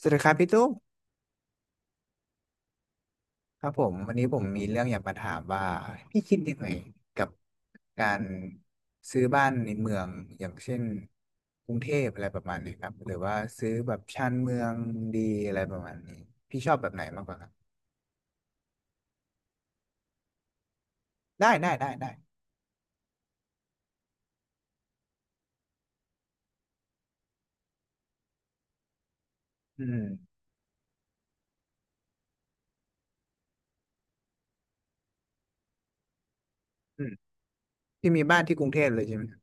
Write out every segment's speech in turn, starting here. สวัสดีครับพี่ตุ้มครับผมวันนี้ผมมีเรื่องอยากมาถามว่าพี่คิดยังไงกับการซื้อบ้านในเมืองอย่างเช่นกรุงเทพอะไรประมาณนี้ครับหรือว่าซื้อแบบชานเมืองดีอะไรประมาณนี้พี่ชอบแบบไหนมากกว่าครับได้ได้ได้ได้อืมอืมพี่มีบ้านที่กรุงเทพเลยใช่ไหมครับ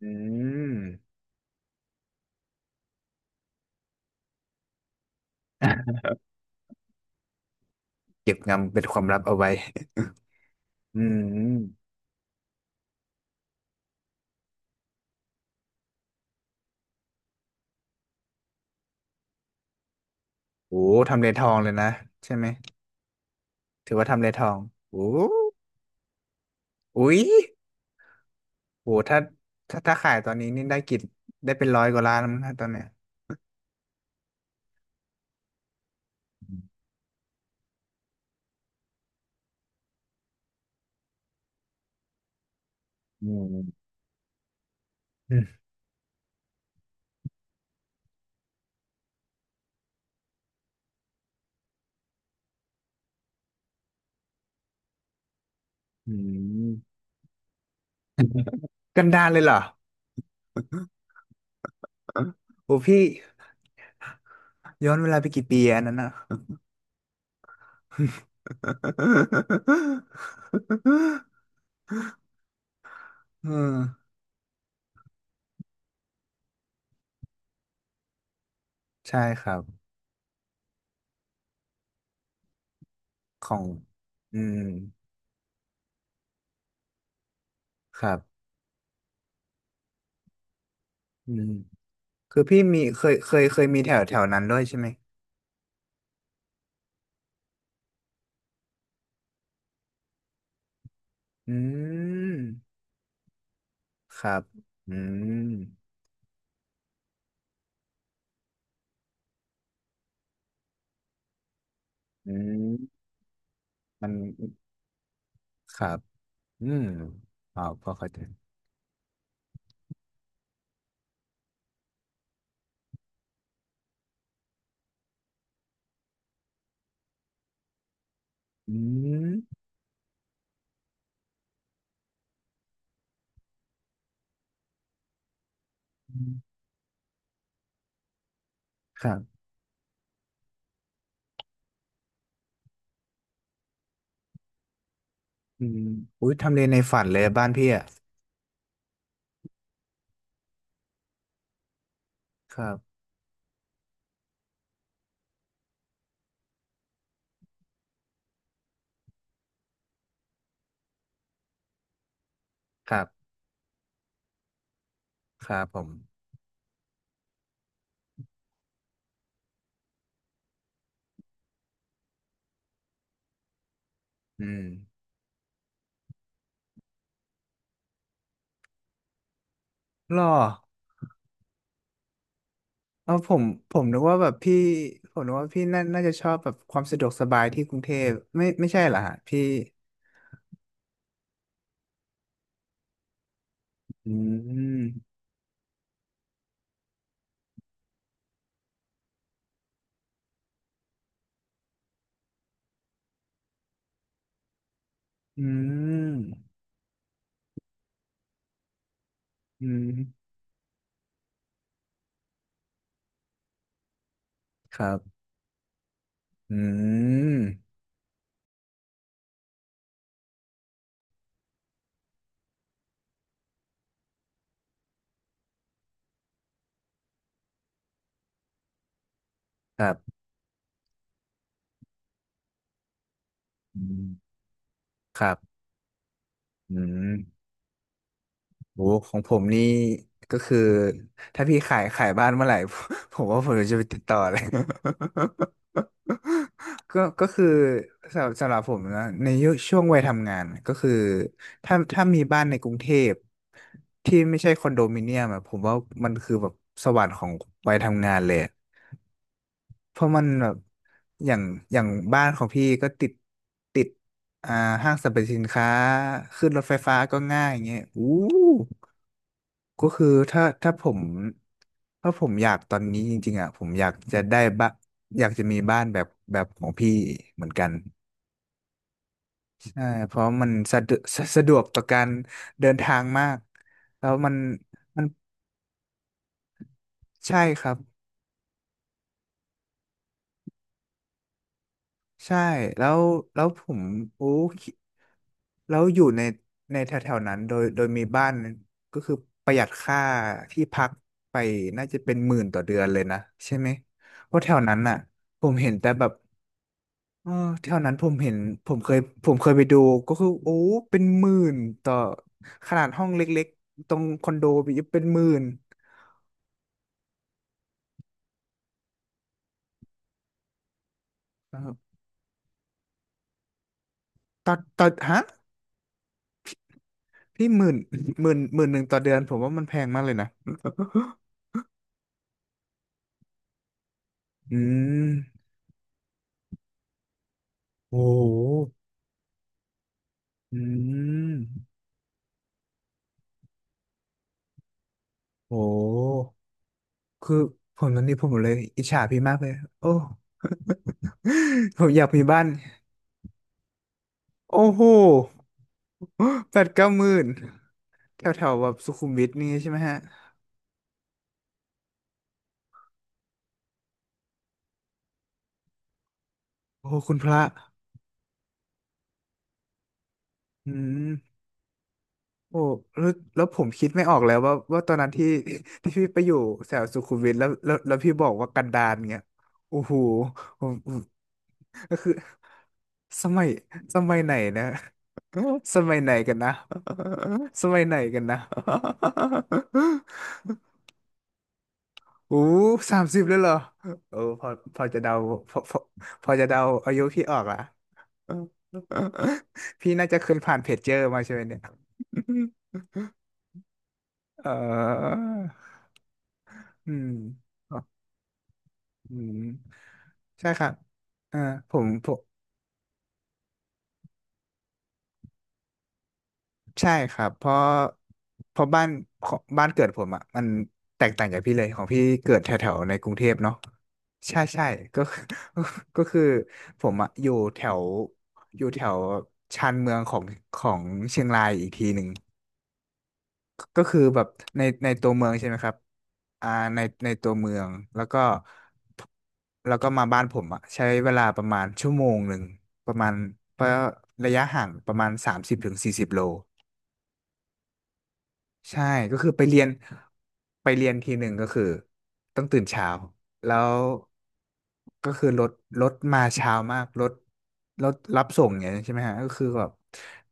อืม เก็บงำเป็นความลับเอาไว้อืมโอ้ทำเลทองเลยนะใช่ไหมถือว่าทำเลทองโอ้อุ๊ย โหถ้าขายตอนนี้นี่ได้กินได้เป็นร้อยกว่าล้านแล้วมั้งนะตอนเนี้ยอืมอืมอืมกันดารเลยเหรอโหพี่ย้อนเวลาไปกี่ปีอันนั้นอ่ะ อืมใช่ครับ ของอืมครับอืมคือพี่มีเคยมีแถวแถวนั้นด้วยใช่ไหมอืมครับอืมอืมมัน ครับอืมอ๋อพอเข้าใจ อืมครับอืมอุ้ยทำเลในฝันเลยบ้านพี่อ่ะ ครับ ครับครับผมอืมหรอเอาผมนึกว่าแบบพี่ผมนึกว่าพี่น่าจะชอบแบบความสะดวกสบายที่กรุงเทพไม่ใช่เหรอฮะพี่ อืม อืม อืม ครับ อืม ครับ อืมครับอืม โอ้ของผมนี่ก็คือถ้าพี่ขายบ้านเมื่อไหร่ ผมว่าผมจะไปติดต่อเลย ก็คือสำหรับผมนะในยุคช่วงวัยทำงานก็คือถ้ามีบ้านในกรุงเทพที่ไม่ใช่คอนโดมิเนียมอะผมว่ามันคือแบบสวรรค์ของวัยทำงานเลยเพราะมันแบบอย่างอย่างบ้านของพี่ก็ติดอ่าห้างสรรพสินค้าขึ้นรถไฟฟ้าก็ง่ายอย่างเงี้ยอู้ ก็คือถ้าผมอยากตอนนี้จริงๆอ่ะผมอยากจะได้บ้านอยากจะมีบ้านแบบของพี่เหมือนกันใช่เพราะมันสะดวกสะดวกต่อการเดินทางมากแล้วมันใช่ครับใช่แล้วแล้วผมโอ้คิดแล้วอยู่ในแถวๆนั้นโดยมีบ้านก็คือประหยัดค่าที่พักไปน่าจะเป็นหมื่นต่อเดือนเลยนะใช่ไหมเพราะแถวนั้นอ่ะผมเห็นแต่แบบ เออแถวนั้นผมเห็นผมเคยผมเคยไปดูก็คือโอ้เป็นหมื่นต่อขนาดห้องเล็กๆตรงคอนโดไปเป็นหมื่นนะครับต่อฮะพี่หมื่น หมื่นหมื่นหนึ่งต่อเดือนผมว่ามันแพงมากเลยนะอืมโอ้โหอืมโอ้คือผมตอนนี้ผมเลยอิจฉาพี่มากเลยโอ้ ผมอยากมีบ้านโอ้โหแปดเก้าหมื่นแถวแถวแบบสุขุมวิทนี่ใช่ไหมฮะโอ้โหคุณพระ อืมโอ้แล้วแล้วผมคิดไม่ออกแล้วว่าตอนนั้นที่ ที่พี่ไปอยู่แถวสุขุมวิทแล้วพี่บอกว่ากันดารเงี้ยโอ้โหผมก็คือสมัยสมัยไหนนะ สมัยไหนกันนะ สมัยไหนกันนะ โอ้สามสิบเลยเหรอเออพอจะเดาพอพอพอจะเดาอายุพี่ออกอ่ะ พี่น่าจะเคยผ่านเพจเจอร์มาใช่ไหมเนี่ย เออ อืมอ๋ออืม ใช่ครับอ่าผมใช่ครับเพราะบ้านเกิดผมอ่ะมันแตกต่างจากพี่เลยของพี่เกิดแถวๆในกรุงเทพเนาะใช่ใช่ก็ คือ ก็คือผมอ่ะอยู่แถวชานเมืองของเชียงรายอีกทีหนึ่ง ก็คือแบบในในตัวเมืองใช่ไหมครับอ่าในในตัวเมืองแล้วก็แล้วก็มาบ้านผมอะใช้เวลาประมาณชั่วโมงหนึ่งประมาณเพราะระยะห่างประมาณ30-40 โล ใช่ก็คือไปเรียนทีหนึ่งก็คือต้องตื่นเช้าแล้วก็คือรถมาเช้ามากรถรับส่งอย่างนี้ยใช่ไหมฮะก็คือแบบ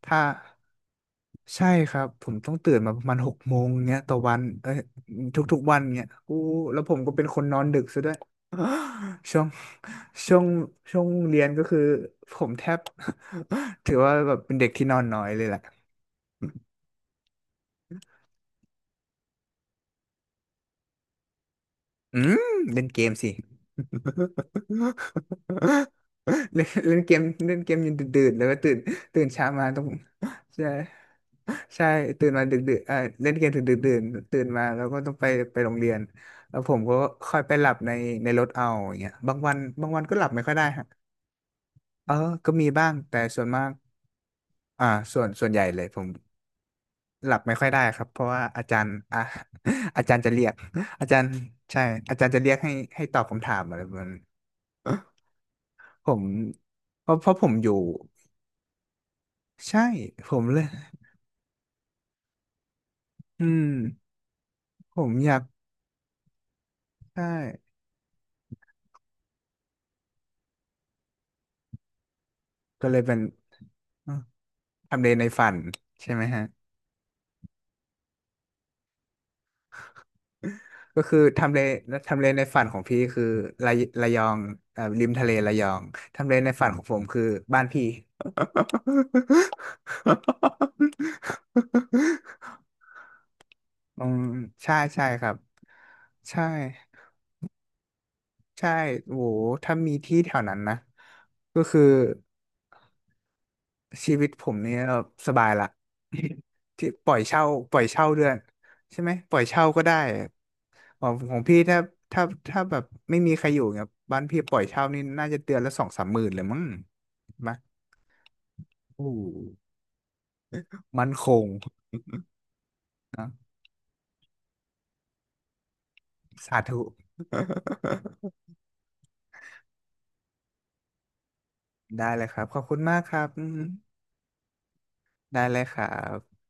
ถ้าใช่ครับผมต้องตื่นมาประมาณ6 โมงเงี้ยต่อวันเอ้ยทุกๆวันเงี้ยอู้แล้วผมก็เป็นคนนอนดึกซะด้วยช่วงช่วงช่วงเรียนก็คือผมแทบ ถือว่าแบบเป็นเด็กที่นอนน้อยเลยแหละ อืมเล่นเกมสิ เล่นเล่นเกมเล่นเกมจนดึกๆแล้วก็ตื่นเช้ามาต้องใช่ใช่ตื่นมาดึกดึกเออเล่นเกมถึงดึกดื่นตื่นมาแล้วก็ต้องไปโรงเรียนแล้วผมก็ค่อยไปหลับในรถเอาอย่างเงี้ยบางวันบางวันก็หลับไม่ค่อยได้ฮะเออก็มีบ้างแต่ส่วนมากอ่าส่วนใหญ่เลยผมหลับไม่ค่อยได้ครับเพราะว่าอาจารย์อ่ะ อาจารย์จะเรียกอาจารย์ใช่อาจารย์จะเรียกให้ตอบคำถามอะไรประมาณ ผมเพราะผมอยู่ใช่ผมเลยอืมผมอยากใช่ก็เลยเป็นอ่ะทำเลในฝันใช่ไหมฮะก็คือทำเลในฝันของพี่คือระยองริมทะเลระยองทำเลในฝันของผมคือบ้านพี่ อืมใช่ใช่ครับใช่ใช่โหถ้ามีที่แถวนั้นนะก็คือ ชีวิตผมเนี่ยสบายละ ที่ปล่อยเช่าด้วยใช่ไหมปล่อยเช่าก็ได้ของพี่ถ้าถ้าแบบไม่มีใครอยู่เนี่ยบ้านพี่ปล่อยเช่านี่น่าจะเดือนละสองสามหมื่นเลยมั้งมาโอ้มันคงสาธุ ได้เลยครับขอบคุณมากครับอืมได้เลยครับ